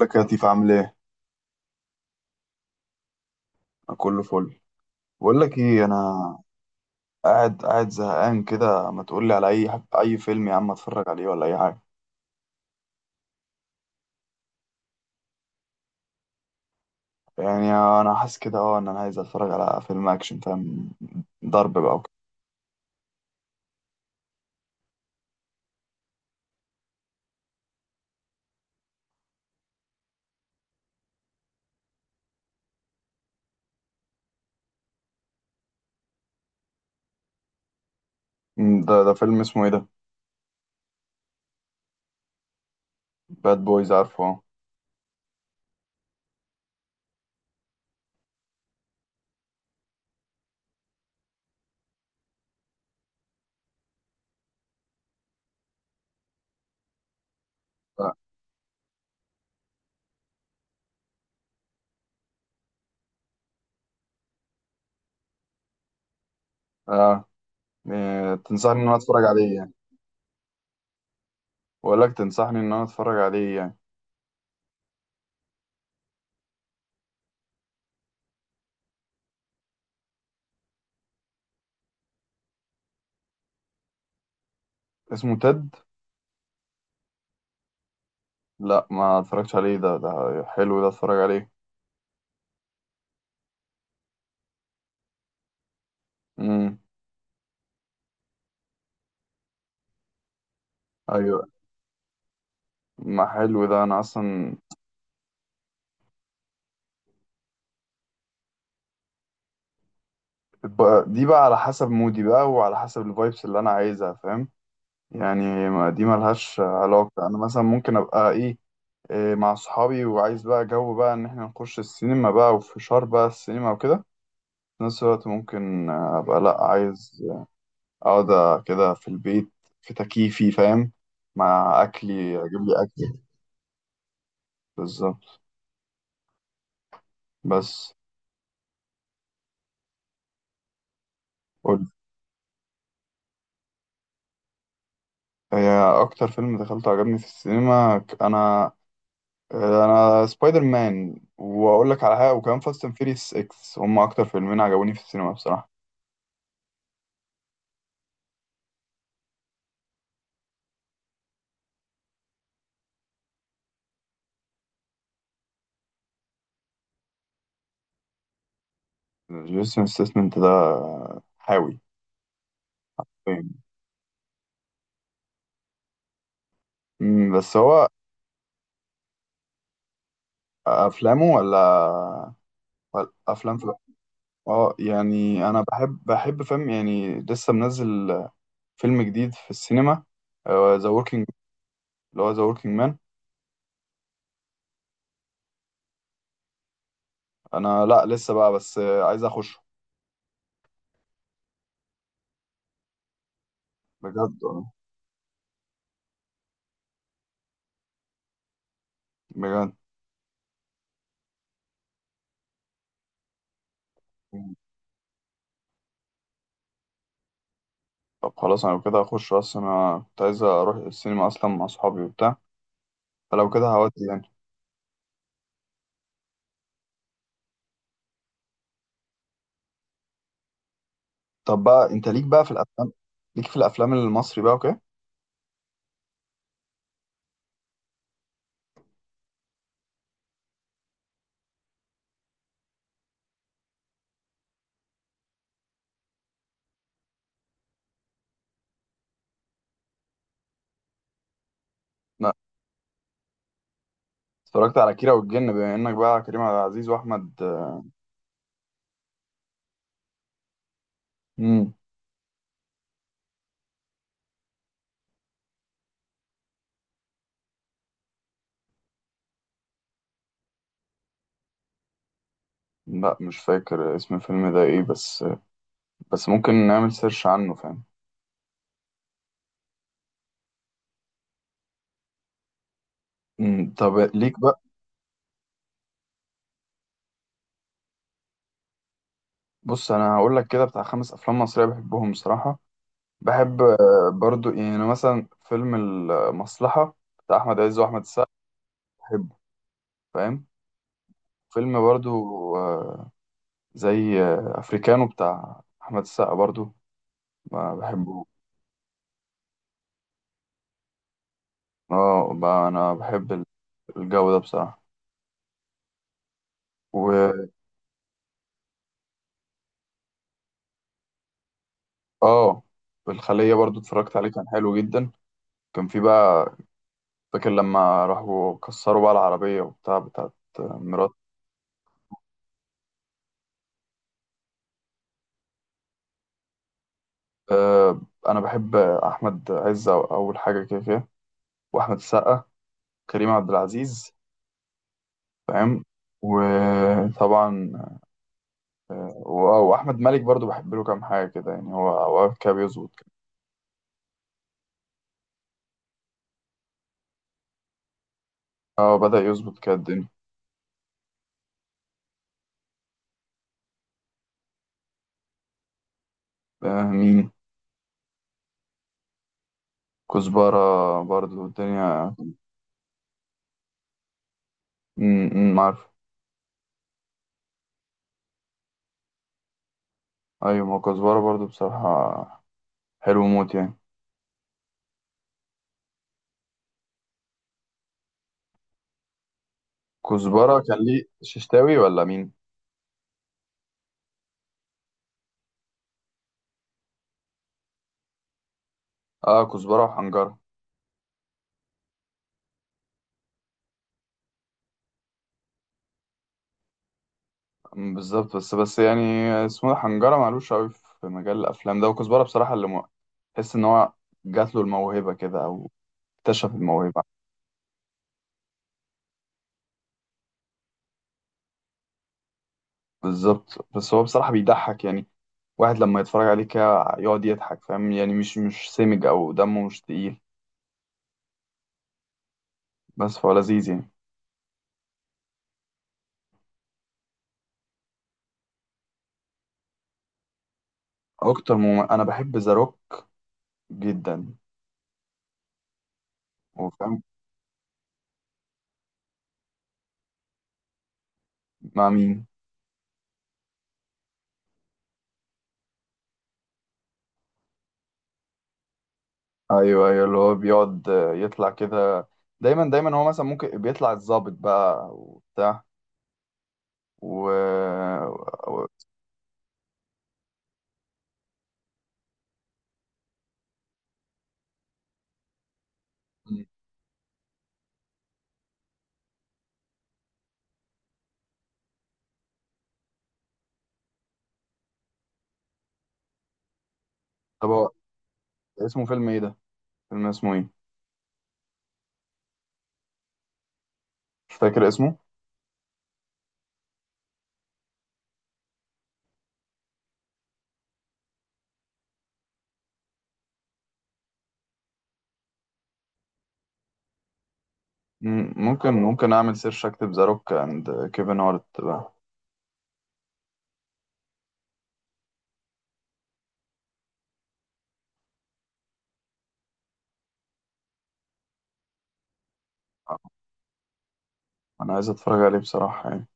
لك يا لطيف، عامل ايه؟ أنا كله فل. بقول لك ايه، انا قاعد زهقان كده، ما تقول لي على اي حب، اي فيلم يا عم اتفرج عليه ولا اي حاجه. يعني انا حاسس كده اه ان انا عايز اتفرج على فيلم اكشن، فاهم، ضرب بقى وكده. ده فيلم اسمه ايه ده؟ باد بويز، عارفه اه. اه. آه. تنصحني ان انا اتفرج عليه يعني. بقول لك تنصحني ان انا اتفرج عليه يعني. اسمه تد. لا ما اتفرجتش عليه، ده حلو؟ ده اتفرج عليه؟ امم. ايوه، ما حلو ده انا اصلا. دي بقى على حسب مودي بقى، وعلى حسب الفايبس اللي انا عايزها فاهم. يعني دي ملهاش علاقة، انا مثلا ممكن ابقى ايه، مع صحابي وعايز بقى جو بقى ان احنا نخش السينما بقى وفشار بقى السينما وكده. في نفس الوقت ممكن ابقى لا، عايز اقعد كده في البيت، في تكييفي فاهم، مع اكلي، اجيب لي اكل. بالظبط. بس. قول. هي اكتر فيلم دخلته عجبني في السينما، انا، انا سبايدر مان، واقول لك على حاجه وكمان فاست اند فيريس 6. هم اكتر فيلمين عجبوني في السينما بصراحه. جيسون ستاثام ده حاوي. فاهم. بس هو افلامه، ولا ولا افلام في. اه يعني انا بحب فيلم، يعني لسه منزل فيلم جديد في السينما، ذا وركينج، اللي هو ذا وركينج مان. انا لا لسه بقى بس عايز اخشه. بجد بجد. طب خلاص انا لو كده هخش، اصلا انا كنت عايز اروح السينما اصلا مع صحابي وبتاع، فلو كده هودي يعني. طب بقى انت ليك بقى في الافلام، ليك في الافلام المصري بقى، اوكي؟ لا، اتفرجت على كيرة والجن بما انك بقى كريم عبد العزيز واحمد. امم. لا مش فاكر اسم الفيلم ده ايه، بس بس ممكن نعمل سيرش عنه فاهم. امم. طب ليك بقى. بص انا هقول لك كده بتاع خمس افلام مصرية بحبهم بصراحة. بحب برضو يعني مثلا فيلم المصلحة بتاع احمد عز واحمد السقا، بحبه فاهم. فيلم برضو آه، زي افريكانو بتاع احمد السقا برضو، ما بحبه. اه، انا بحب الجو ده بصراحه. و اه الخليه برضو اتفرجت عليه كان حلو جدا. كان في بقى، فاكر لما راحوا كسروا بقى العربيه وبتاع بتاعت مرات. آه، انا بحب احمد عز، اول حاجه كده كده، واحمد السقا، كريم عبد العزيز، فاهم. وطبعا واحمد مالك برضو بحب له كام حاجه كده، يعني هو اوقات كده بيظبط كده. اه بدا يظبط كده الدنيا. آه مين؟ كزبره برضو الدنيا. عارف. ايوه، ما هو كزبره برضو بصراحه حلو موت يعني. كزبره كان ليه ششتاوي ولا مين؟ اه كزبره وحنجره. بالظبط، بس يعني اسمه ده حنجره، معلوش قوي في مجال الافلام ده، وكزبره بصراحه تحس ان هو جات له الموهبه كده، او اكتشف الموهبه. بالظبط. بس هو بصراحه بيضحك يعني، واحد لما يتفرج عليه كده يقعد يضحك، فاهم يعني، مش سمج او دمه مش تقيل، بس فهو لذيذ يعني. اكتر انا بحب ذا روك جدا. وفاهم مع مين. ايوه ايوه، اللي هو بيقعد يطلع كده، دايما هو مثلا ممكن بيطلع الضابط بقى وبتاع، و و- طب هو اسمه فيلم ايه ده؟ فيلم اسمه ايه؟ مش فاكر اسمه. ممكن اعمل سيرش اكتب ذا روك اند كيفن هارت بقى. انا عايز اتفرج عليه بصراحة يعني.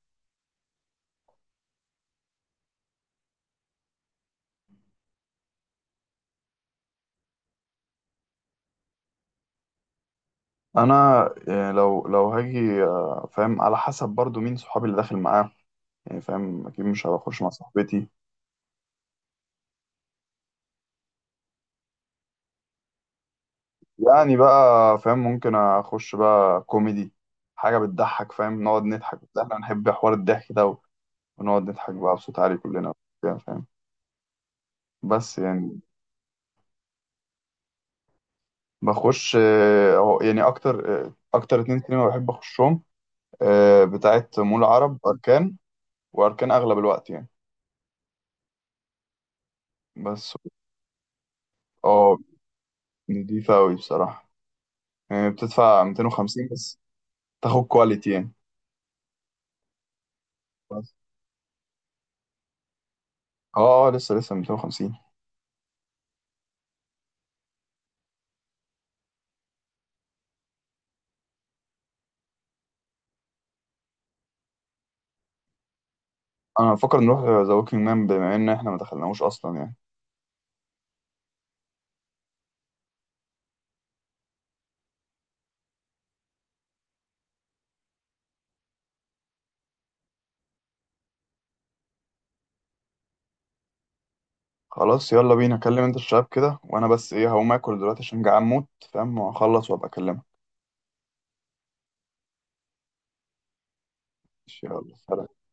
انا يعني لو هاجي فاهم، على حسب برضو مين صحابي اللي داخل معاه، يعني فاهم، اكيد مش هخش مع صاحبتي. يعني بقى فاهم، ممكن اخش بقى كوميدي، حاجه بتضحك، فاهم نقعد نضحك، بس احنا بنحب حوار الضحك ده، ونقعد نضحك بقى بصوت عالي كلنا وبتاع، فاهم، بس يعني. بخش هو يعني اكتر اكتر اتنين سينما بحب اخشهم بتاعت مول عرب اركان، واركان اغلب الوقت يعني، بس. اه، نضيفه قوي بصراحه، يعني بتدفع 250 بس، تاخد كواليتي يعني. بس. اه اه، لسه 250. انا بفكر نروح ذا ووكينج مان بما ان احنا ما دخلناهوش اصلا يعني. خلاص يلا بينا، كلم انت الشباب كده، وانا بس ايه، هقوم اكل دلوقتي عشان جعان موت فاهم، وهخلص وابقى اكلمك. ماشي، يلا سلام.